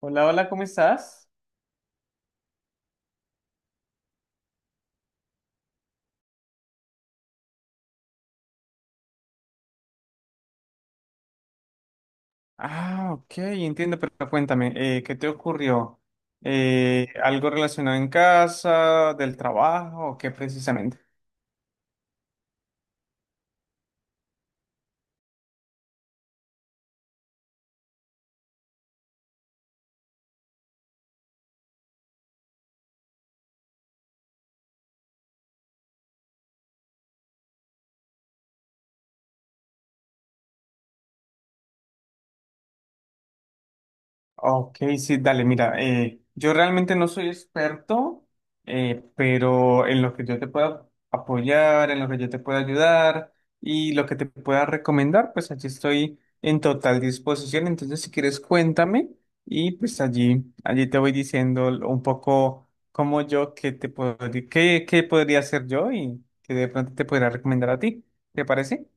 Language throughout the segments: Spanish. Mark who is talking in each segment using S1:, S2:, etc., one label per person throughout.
S1: Hola, hola, ¿cómo estás? Ah, ok, entiendo, pero cuéntame, ¿qué te ocurrió? ¿Algo relacionado en casa, del trabajo, o qué precisamente? Ok, sí, dale, mira, yo realmente no soy experto, pero en lo que yo te pueda apoyar, en lo que yo te pueda ayudar y lo que te pueda recomendar, pues allí estoy en total disposición. Entonces, si quieres, cuéntame y pues allí te voy diciendo un poco cómo yo, qué te puedo, qué podría hacer yo y que de pronto te podría recomendar a ti. ¿Te parece?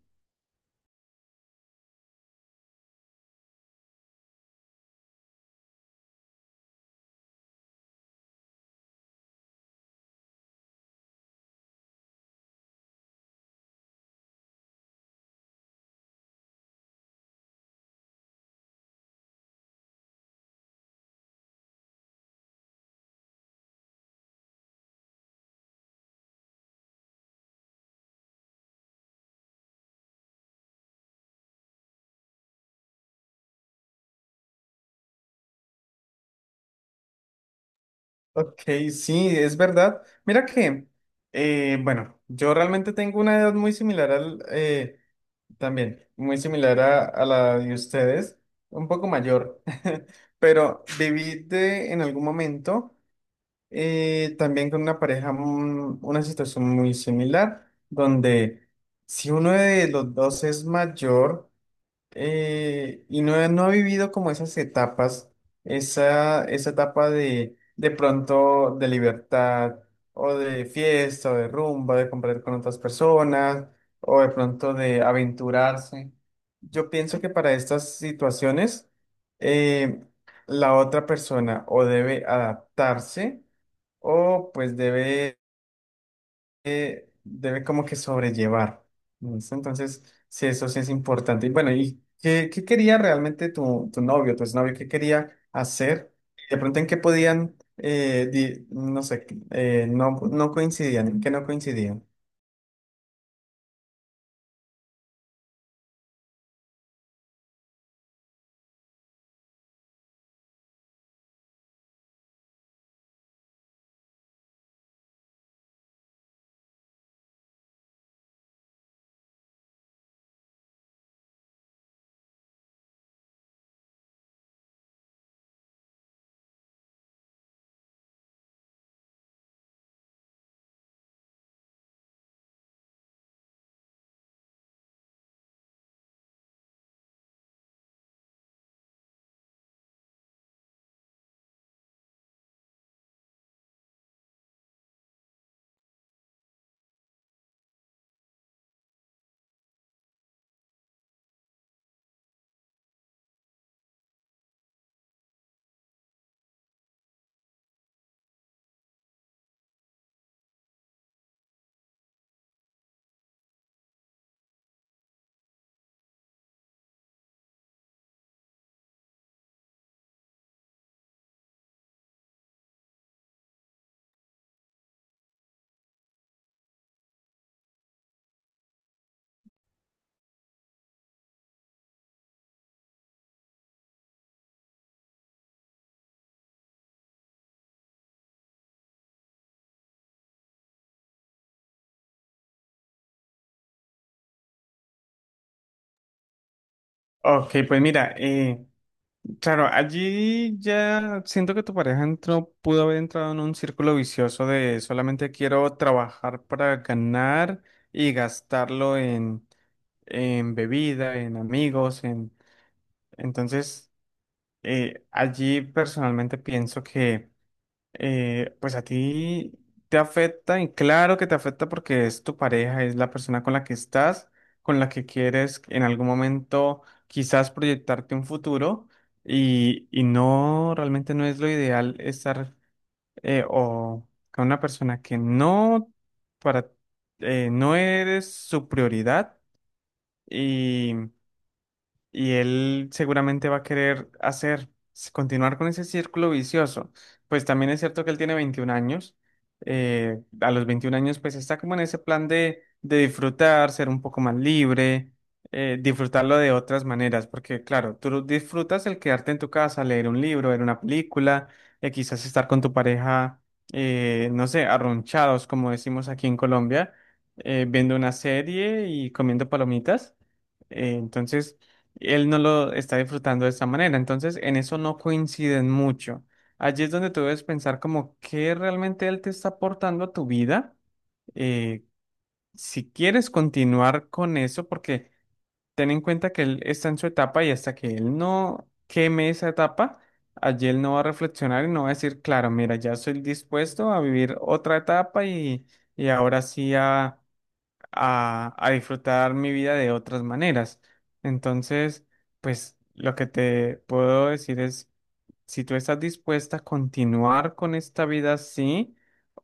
S1: Ok, sí, es verdad. Mira que, bueno, yo realmente tengo una edad muy similar al, también, muy similar a la de ustedes, un poco mayor, pero viví en algún momento también con una pareja, una situación muy similar, donde si uno de los dos es mayor, y no, no ha vivido como esas etapas, esa etapa de pronto de libertad o de fiesta o de rumba, de compartir con otras personas o de pronto de aventurarse. Yo pienso que para estas situaciones eh, la otra persona o debe adaptarse o pues debe debe como que sobrellevar. ¿Listo? Entonces, sí, eso sí es importante. Y bueno, ¿y qué, qué quería realmente tu novio, tu exnovio? ¿Qué quería hacer? De pronto, ¿en qué podían, no sé, no coincidían? ¿En qué no coincidían? Ok, pues mira, claro, allí ya siento que tu pareja entró, pudo haber entrado en un círculo vicioso de solamente quiero trabajar para ganar y gastarlo en bebida, en amigos, en... Entonces, allí personalmente pienso que, pues a ti te afecta, y claro que te afecta porque es tu pareja, es la persona con la que estás, con la que quieres en algún momento quizás proyectarte un futuro, y no, realmente no es lo ideal estar o con una persona que no, para, no eres su prioridad. Y él seguramente va a querer hacer, continuar con ese círculo vicioso. Pues también es cierto que él tiene 21 años. A los 21 años, pues está como en ese plan de disfrutar, ser un poco más libre, disfrutarlo de otras maneras. Porque, claro, tú disfrutas el quedarte en tu casa, leer un libro, ver una película, quizás estar con tu pareja, no sé, arronchados, como decimos aquí en Colombia, viendo una serie y comiendo palomitas. Entonces él no lo está disfrutando de esta manera. Entonces, en eso no coinciden mucho. Allí es donde tú debes pensar como qué realmente él te está aportando a tu vida. Eh, si quieres continuar con eso, porque ten en cuenta que él está en su etapa y hasta que él no queme esa etapa, allí él no va a reflexionar y no va a decir, claro, mira, ya estoy dispuesto a vivir otra etapa y ahora sí a disfrutar mi vida de otras maneras. Entonces, pues lo que te puedo decir es, si tú estás dispuesta a continuar con esta vida así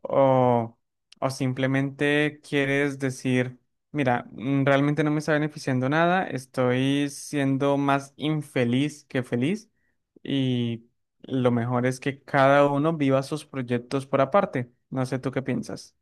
S1: o, o simplemente quieres decir, mira, realmente no me está beneficiando nada, estoy siendo más infeliz que feliz y lo mejor es que cada uno viva sus proyectos por aparte. No sé tú qué piensas.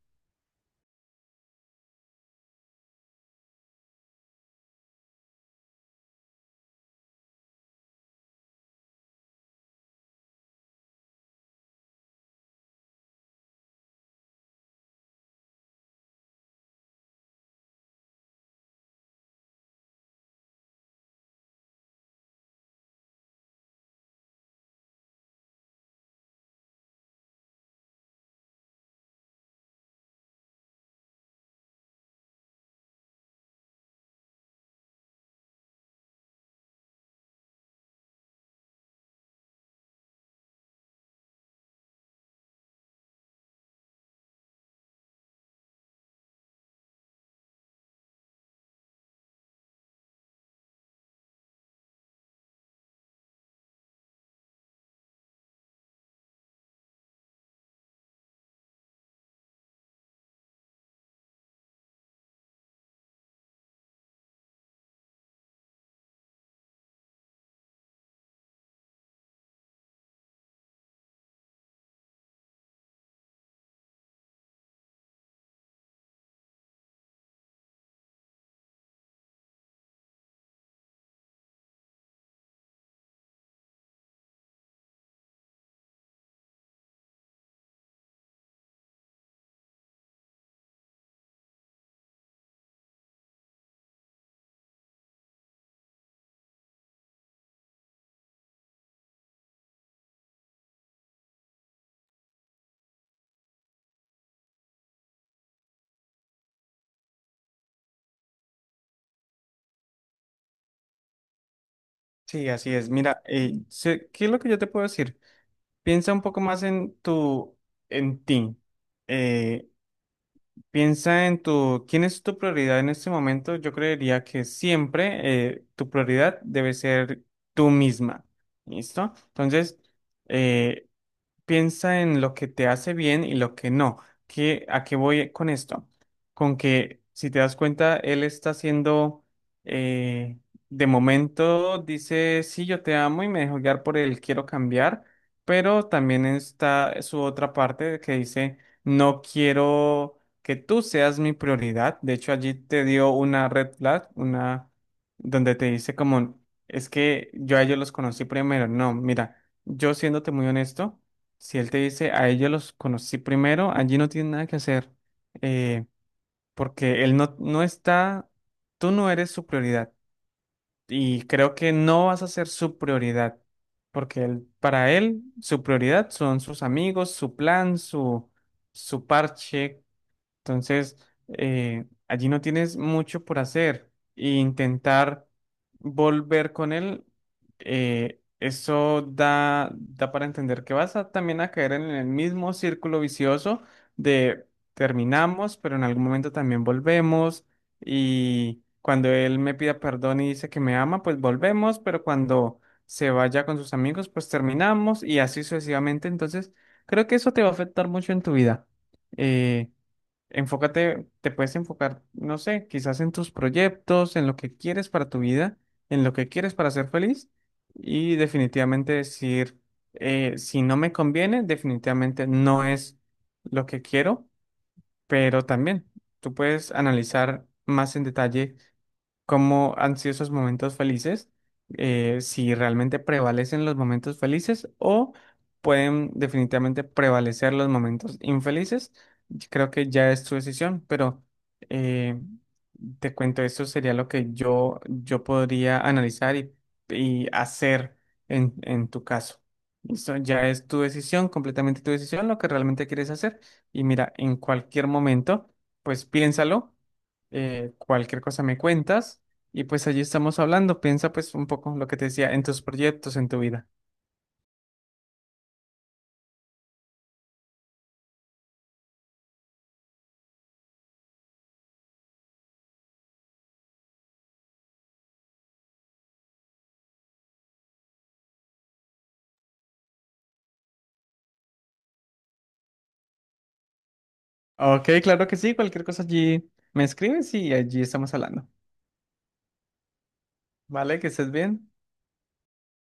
S1: Sí, así es. Mira, ¿qué es lo que yo te puedo decir? Piensa un poco más en tu, en ti. Eh, piensa en tu, ¿quién es tu prioridad en este momento? Yo creería que siempre tu prioridad debe ser tú misma. ¿Listo? Entonces, eh, piensa en lo que te hace bien y lo que no. ¿Qué, a qué voy con esto? Con que si te das cuenta, él está haciendo, eh, de momento dice, sí, yo te amo y me dejo guiar por él, quiero cambiar, pero también está su otra parte que dice, no quiero que tú seas mi prioridad. De hecho, allí te dio una red flag, una donde te dice como, es que yo a ellos los conocí primero. No, mira, yo siéndote muy honesto. Si él te dice, a ellos los conocí primero, allí no tiene nada que hacer, eh, porque él no está, tú no eres su prioridad y creo que no vas a ser su prioridad, porque él, para él su prioridad son sus amigos, su plan, su parche entonces, allí no tienes mucho por hacer e intentar volver con él, eso da para entender que vas a, también a caer en el mismo círculo vicioso de terminamos, pero en algún momento también volvemos y cuando él me pida perdón y dice que me ama, pues volvemos, pero cuando se vaya con sus amigos, pues terminamos y así sucesivamente. Entonces, creo que eso te va a afectar mucho en tu vida. Eh, te puedes enfocar, no sé, quizás en tus proyectos, en lo que quieres para tu vida, en lo que quieres para ser feliz y definitivamente decir, si no me conviene, definitivamente no es lo que quiero, pero también tú puedes analizar más en detalle cómo han sido esos momentos felices, si realmente prevalecen los momentos felices o pueden definitivamente prevalecer los momentos infelices. Creo que ya es tu decisión, pero eh, te cuento, eso sería lo que yo podría analizar y hacer en tu caso. Eso ya es tu decisión, completamente tu decisión, lo que realmente quieres hacer. Y mira, en cualquier momento, pues piénsalo cualquier cosa me cuentas y pues allí estamos hablando. Piensa pues un poco lo que te decía en tus proyectos, en tu vida. Ok, claro que sí, cualquier cosa allí me escribes y allí estamos hablando. Vale, que estés bien.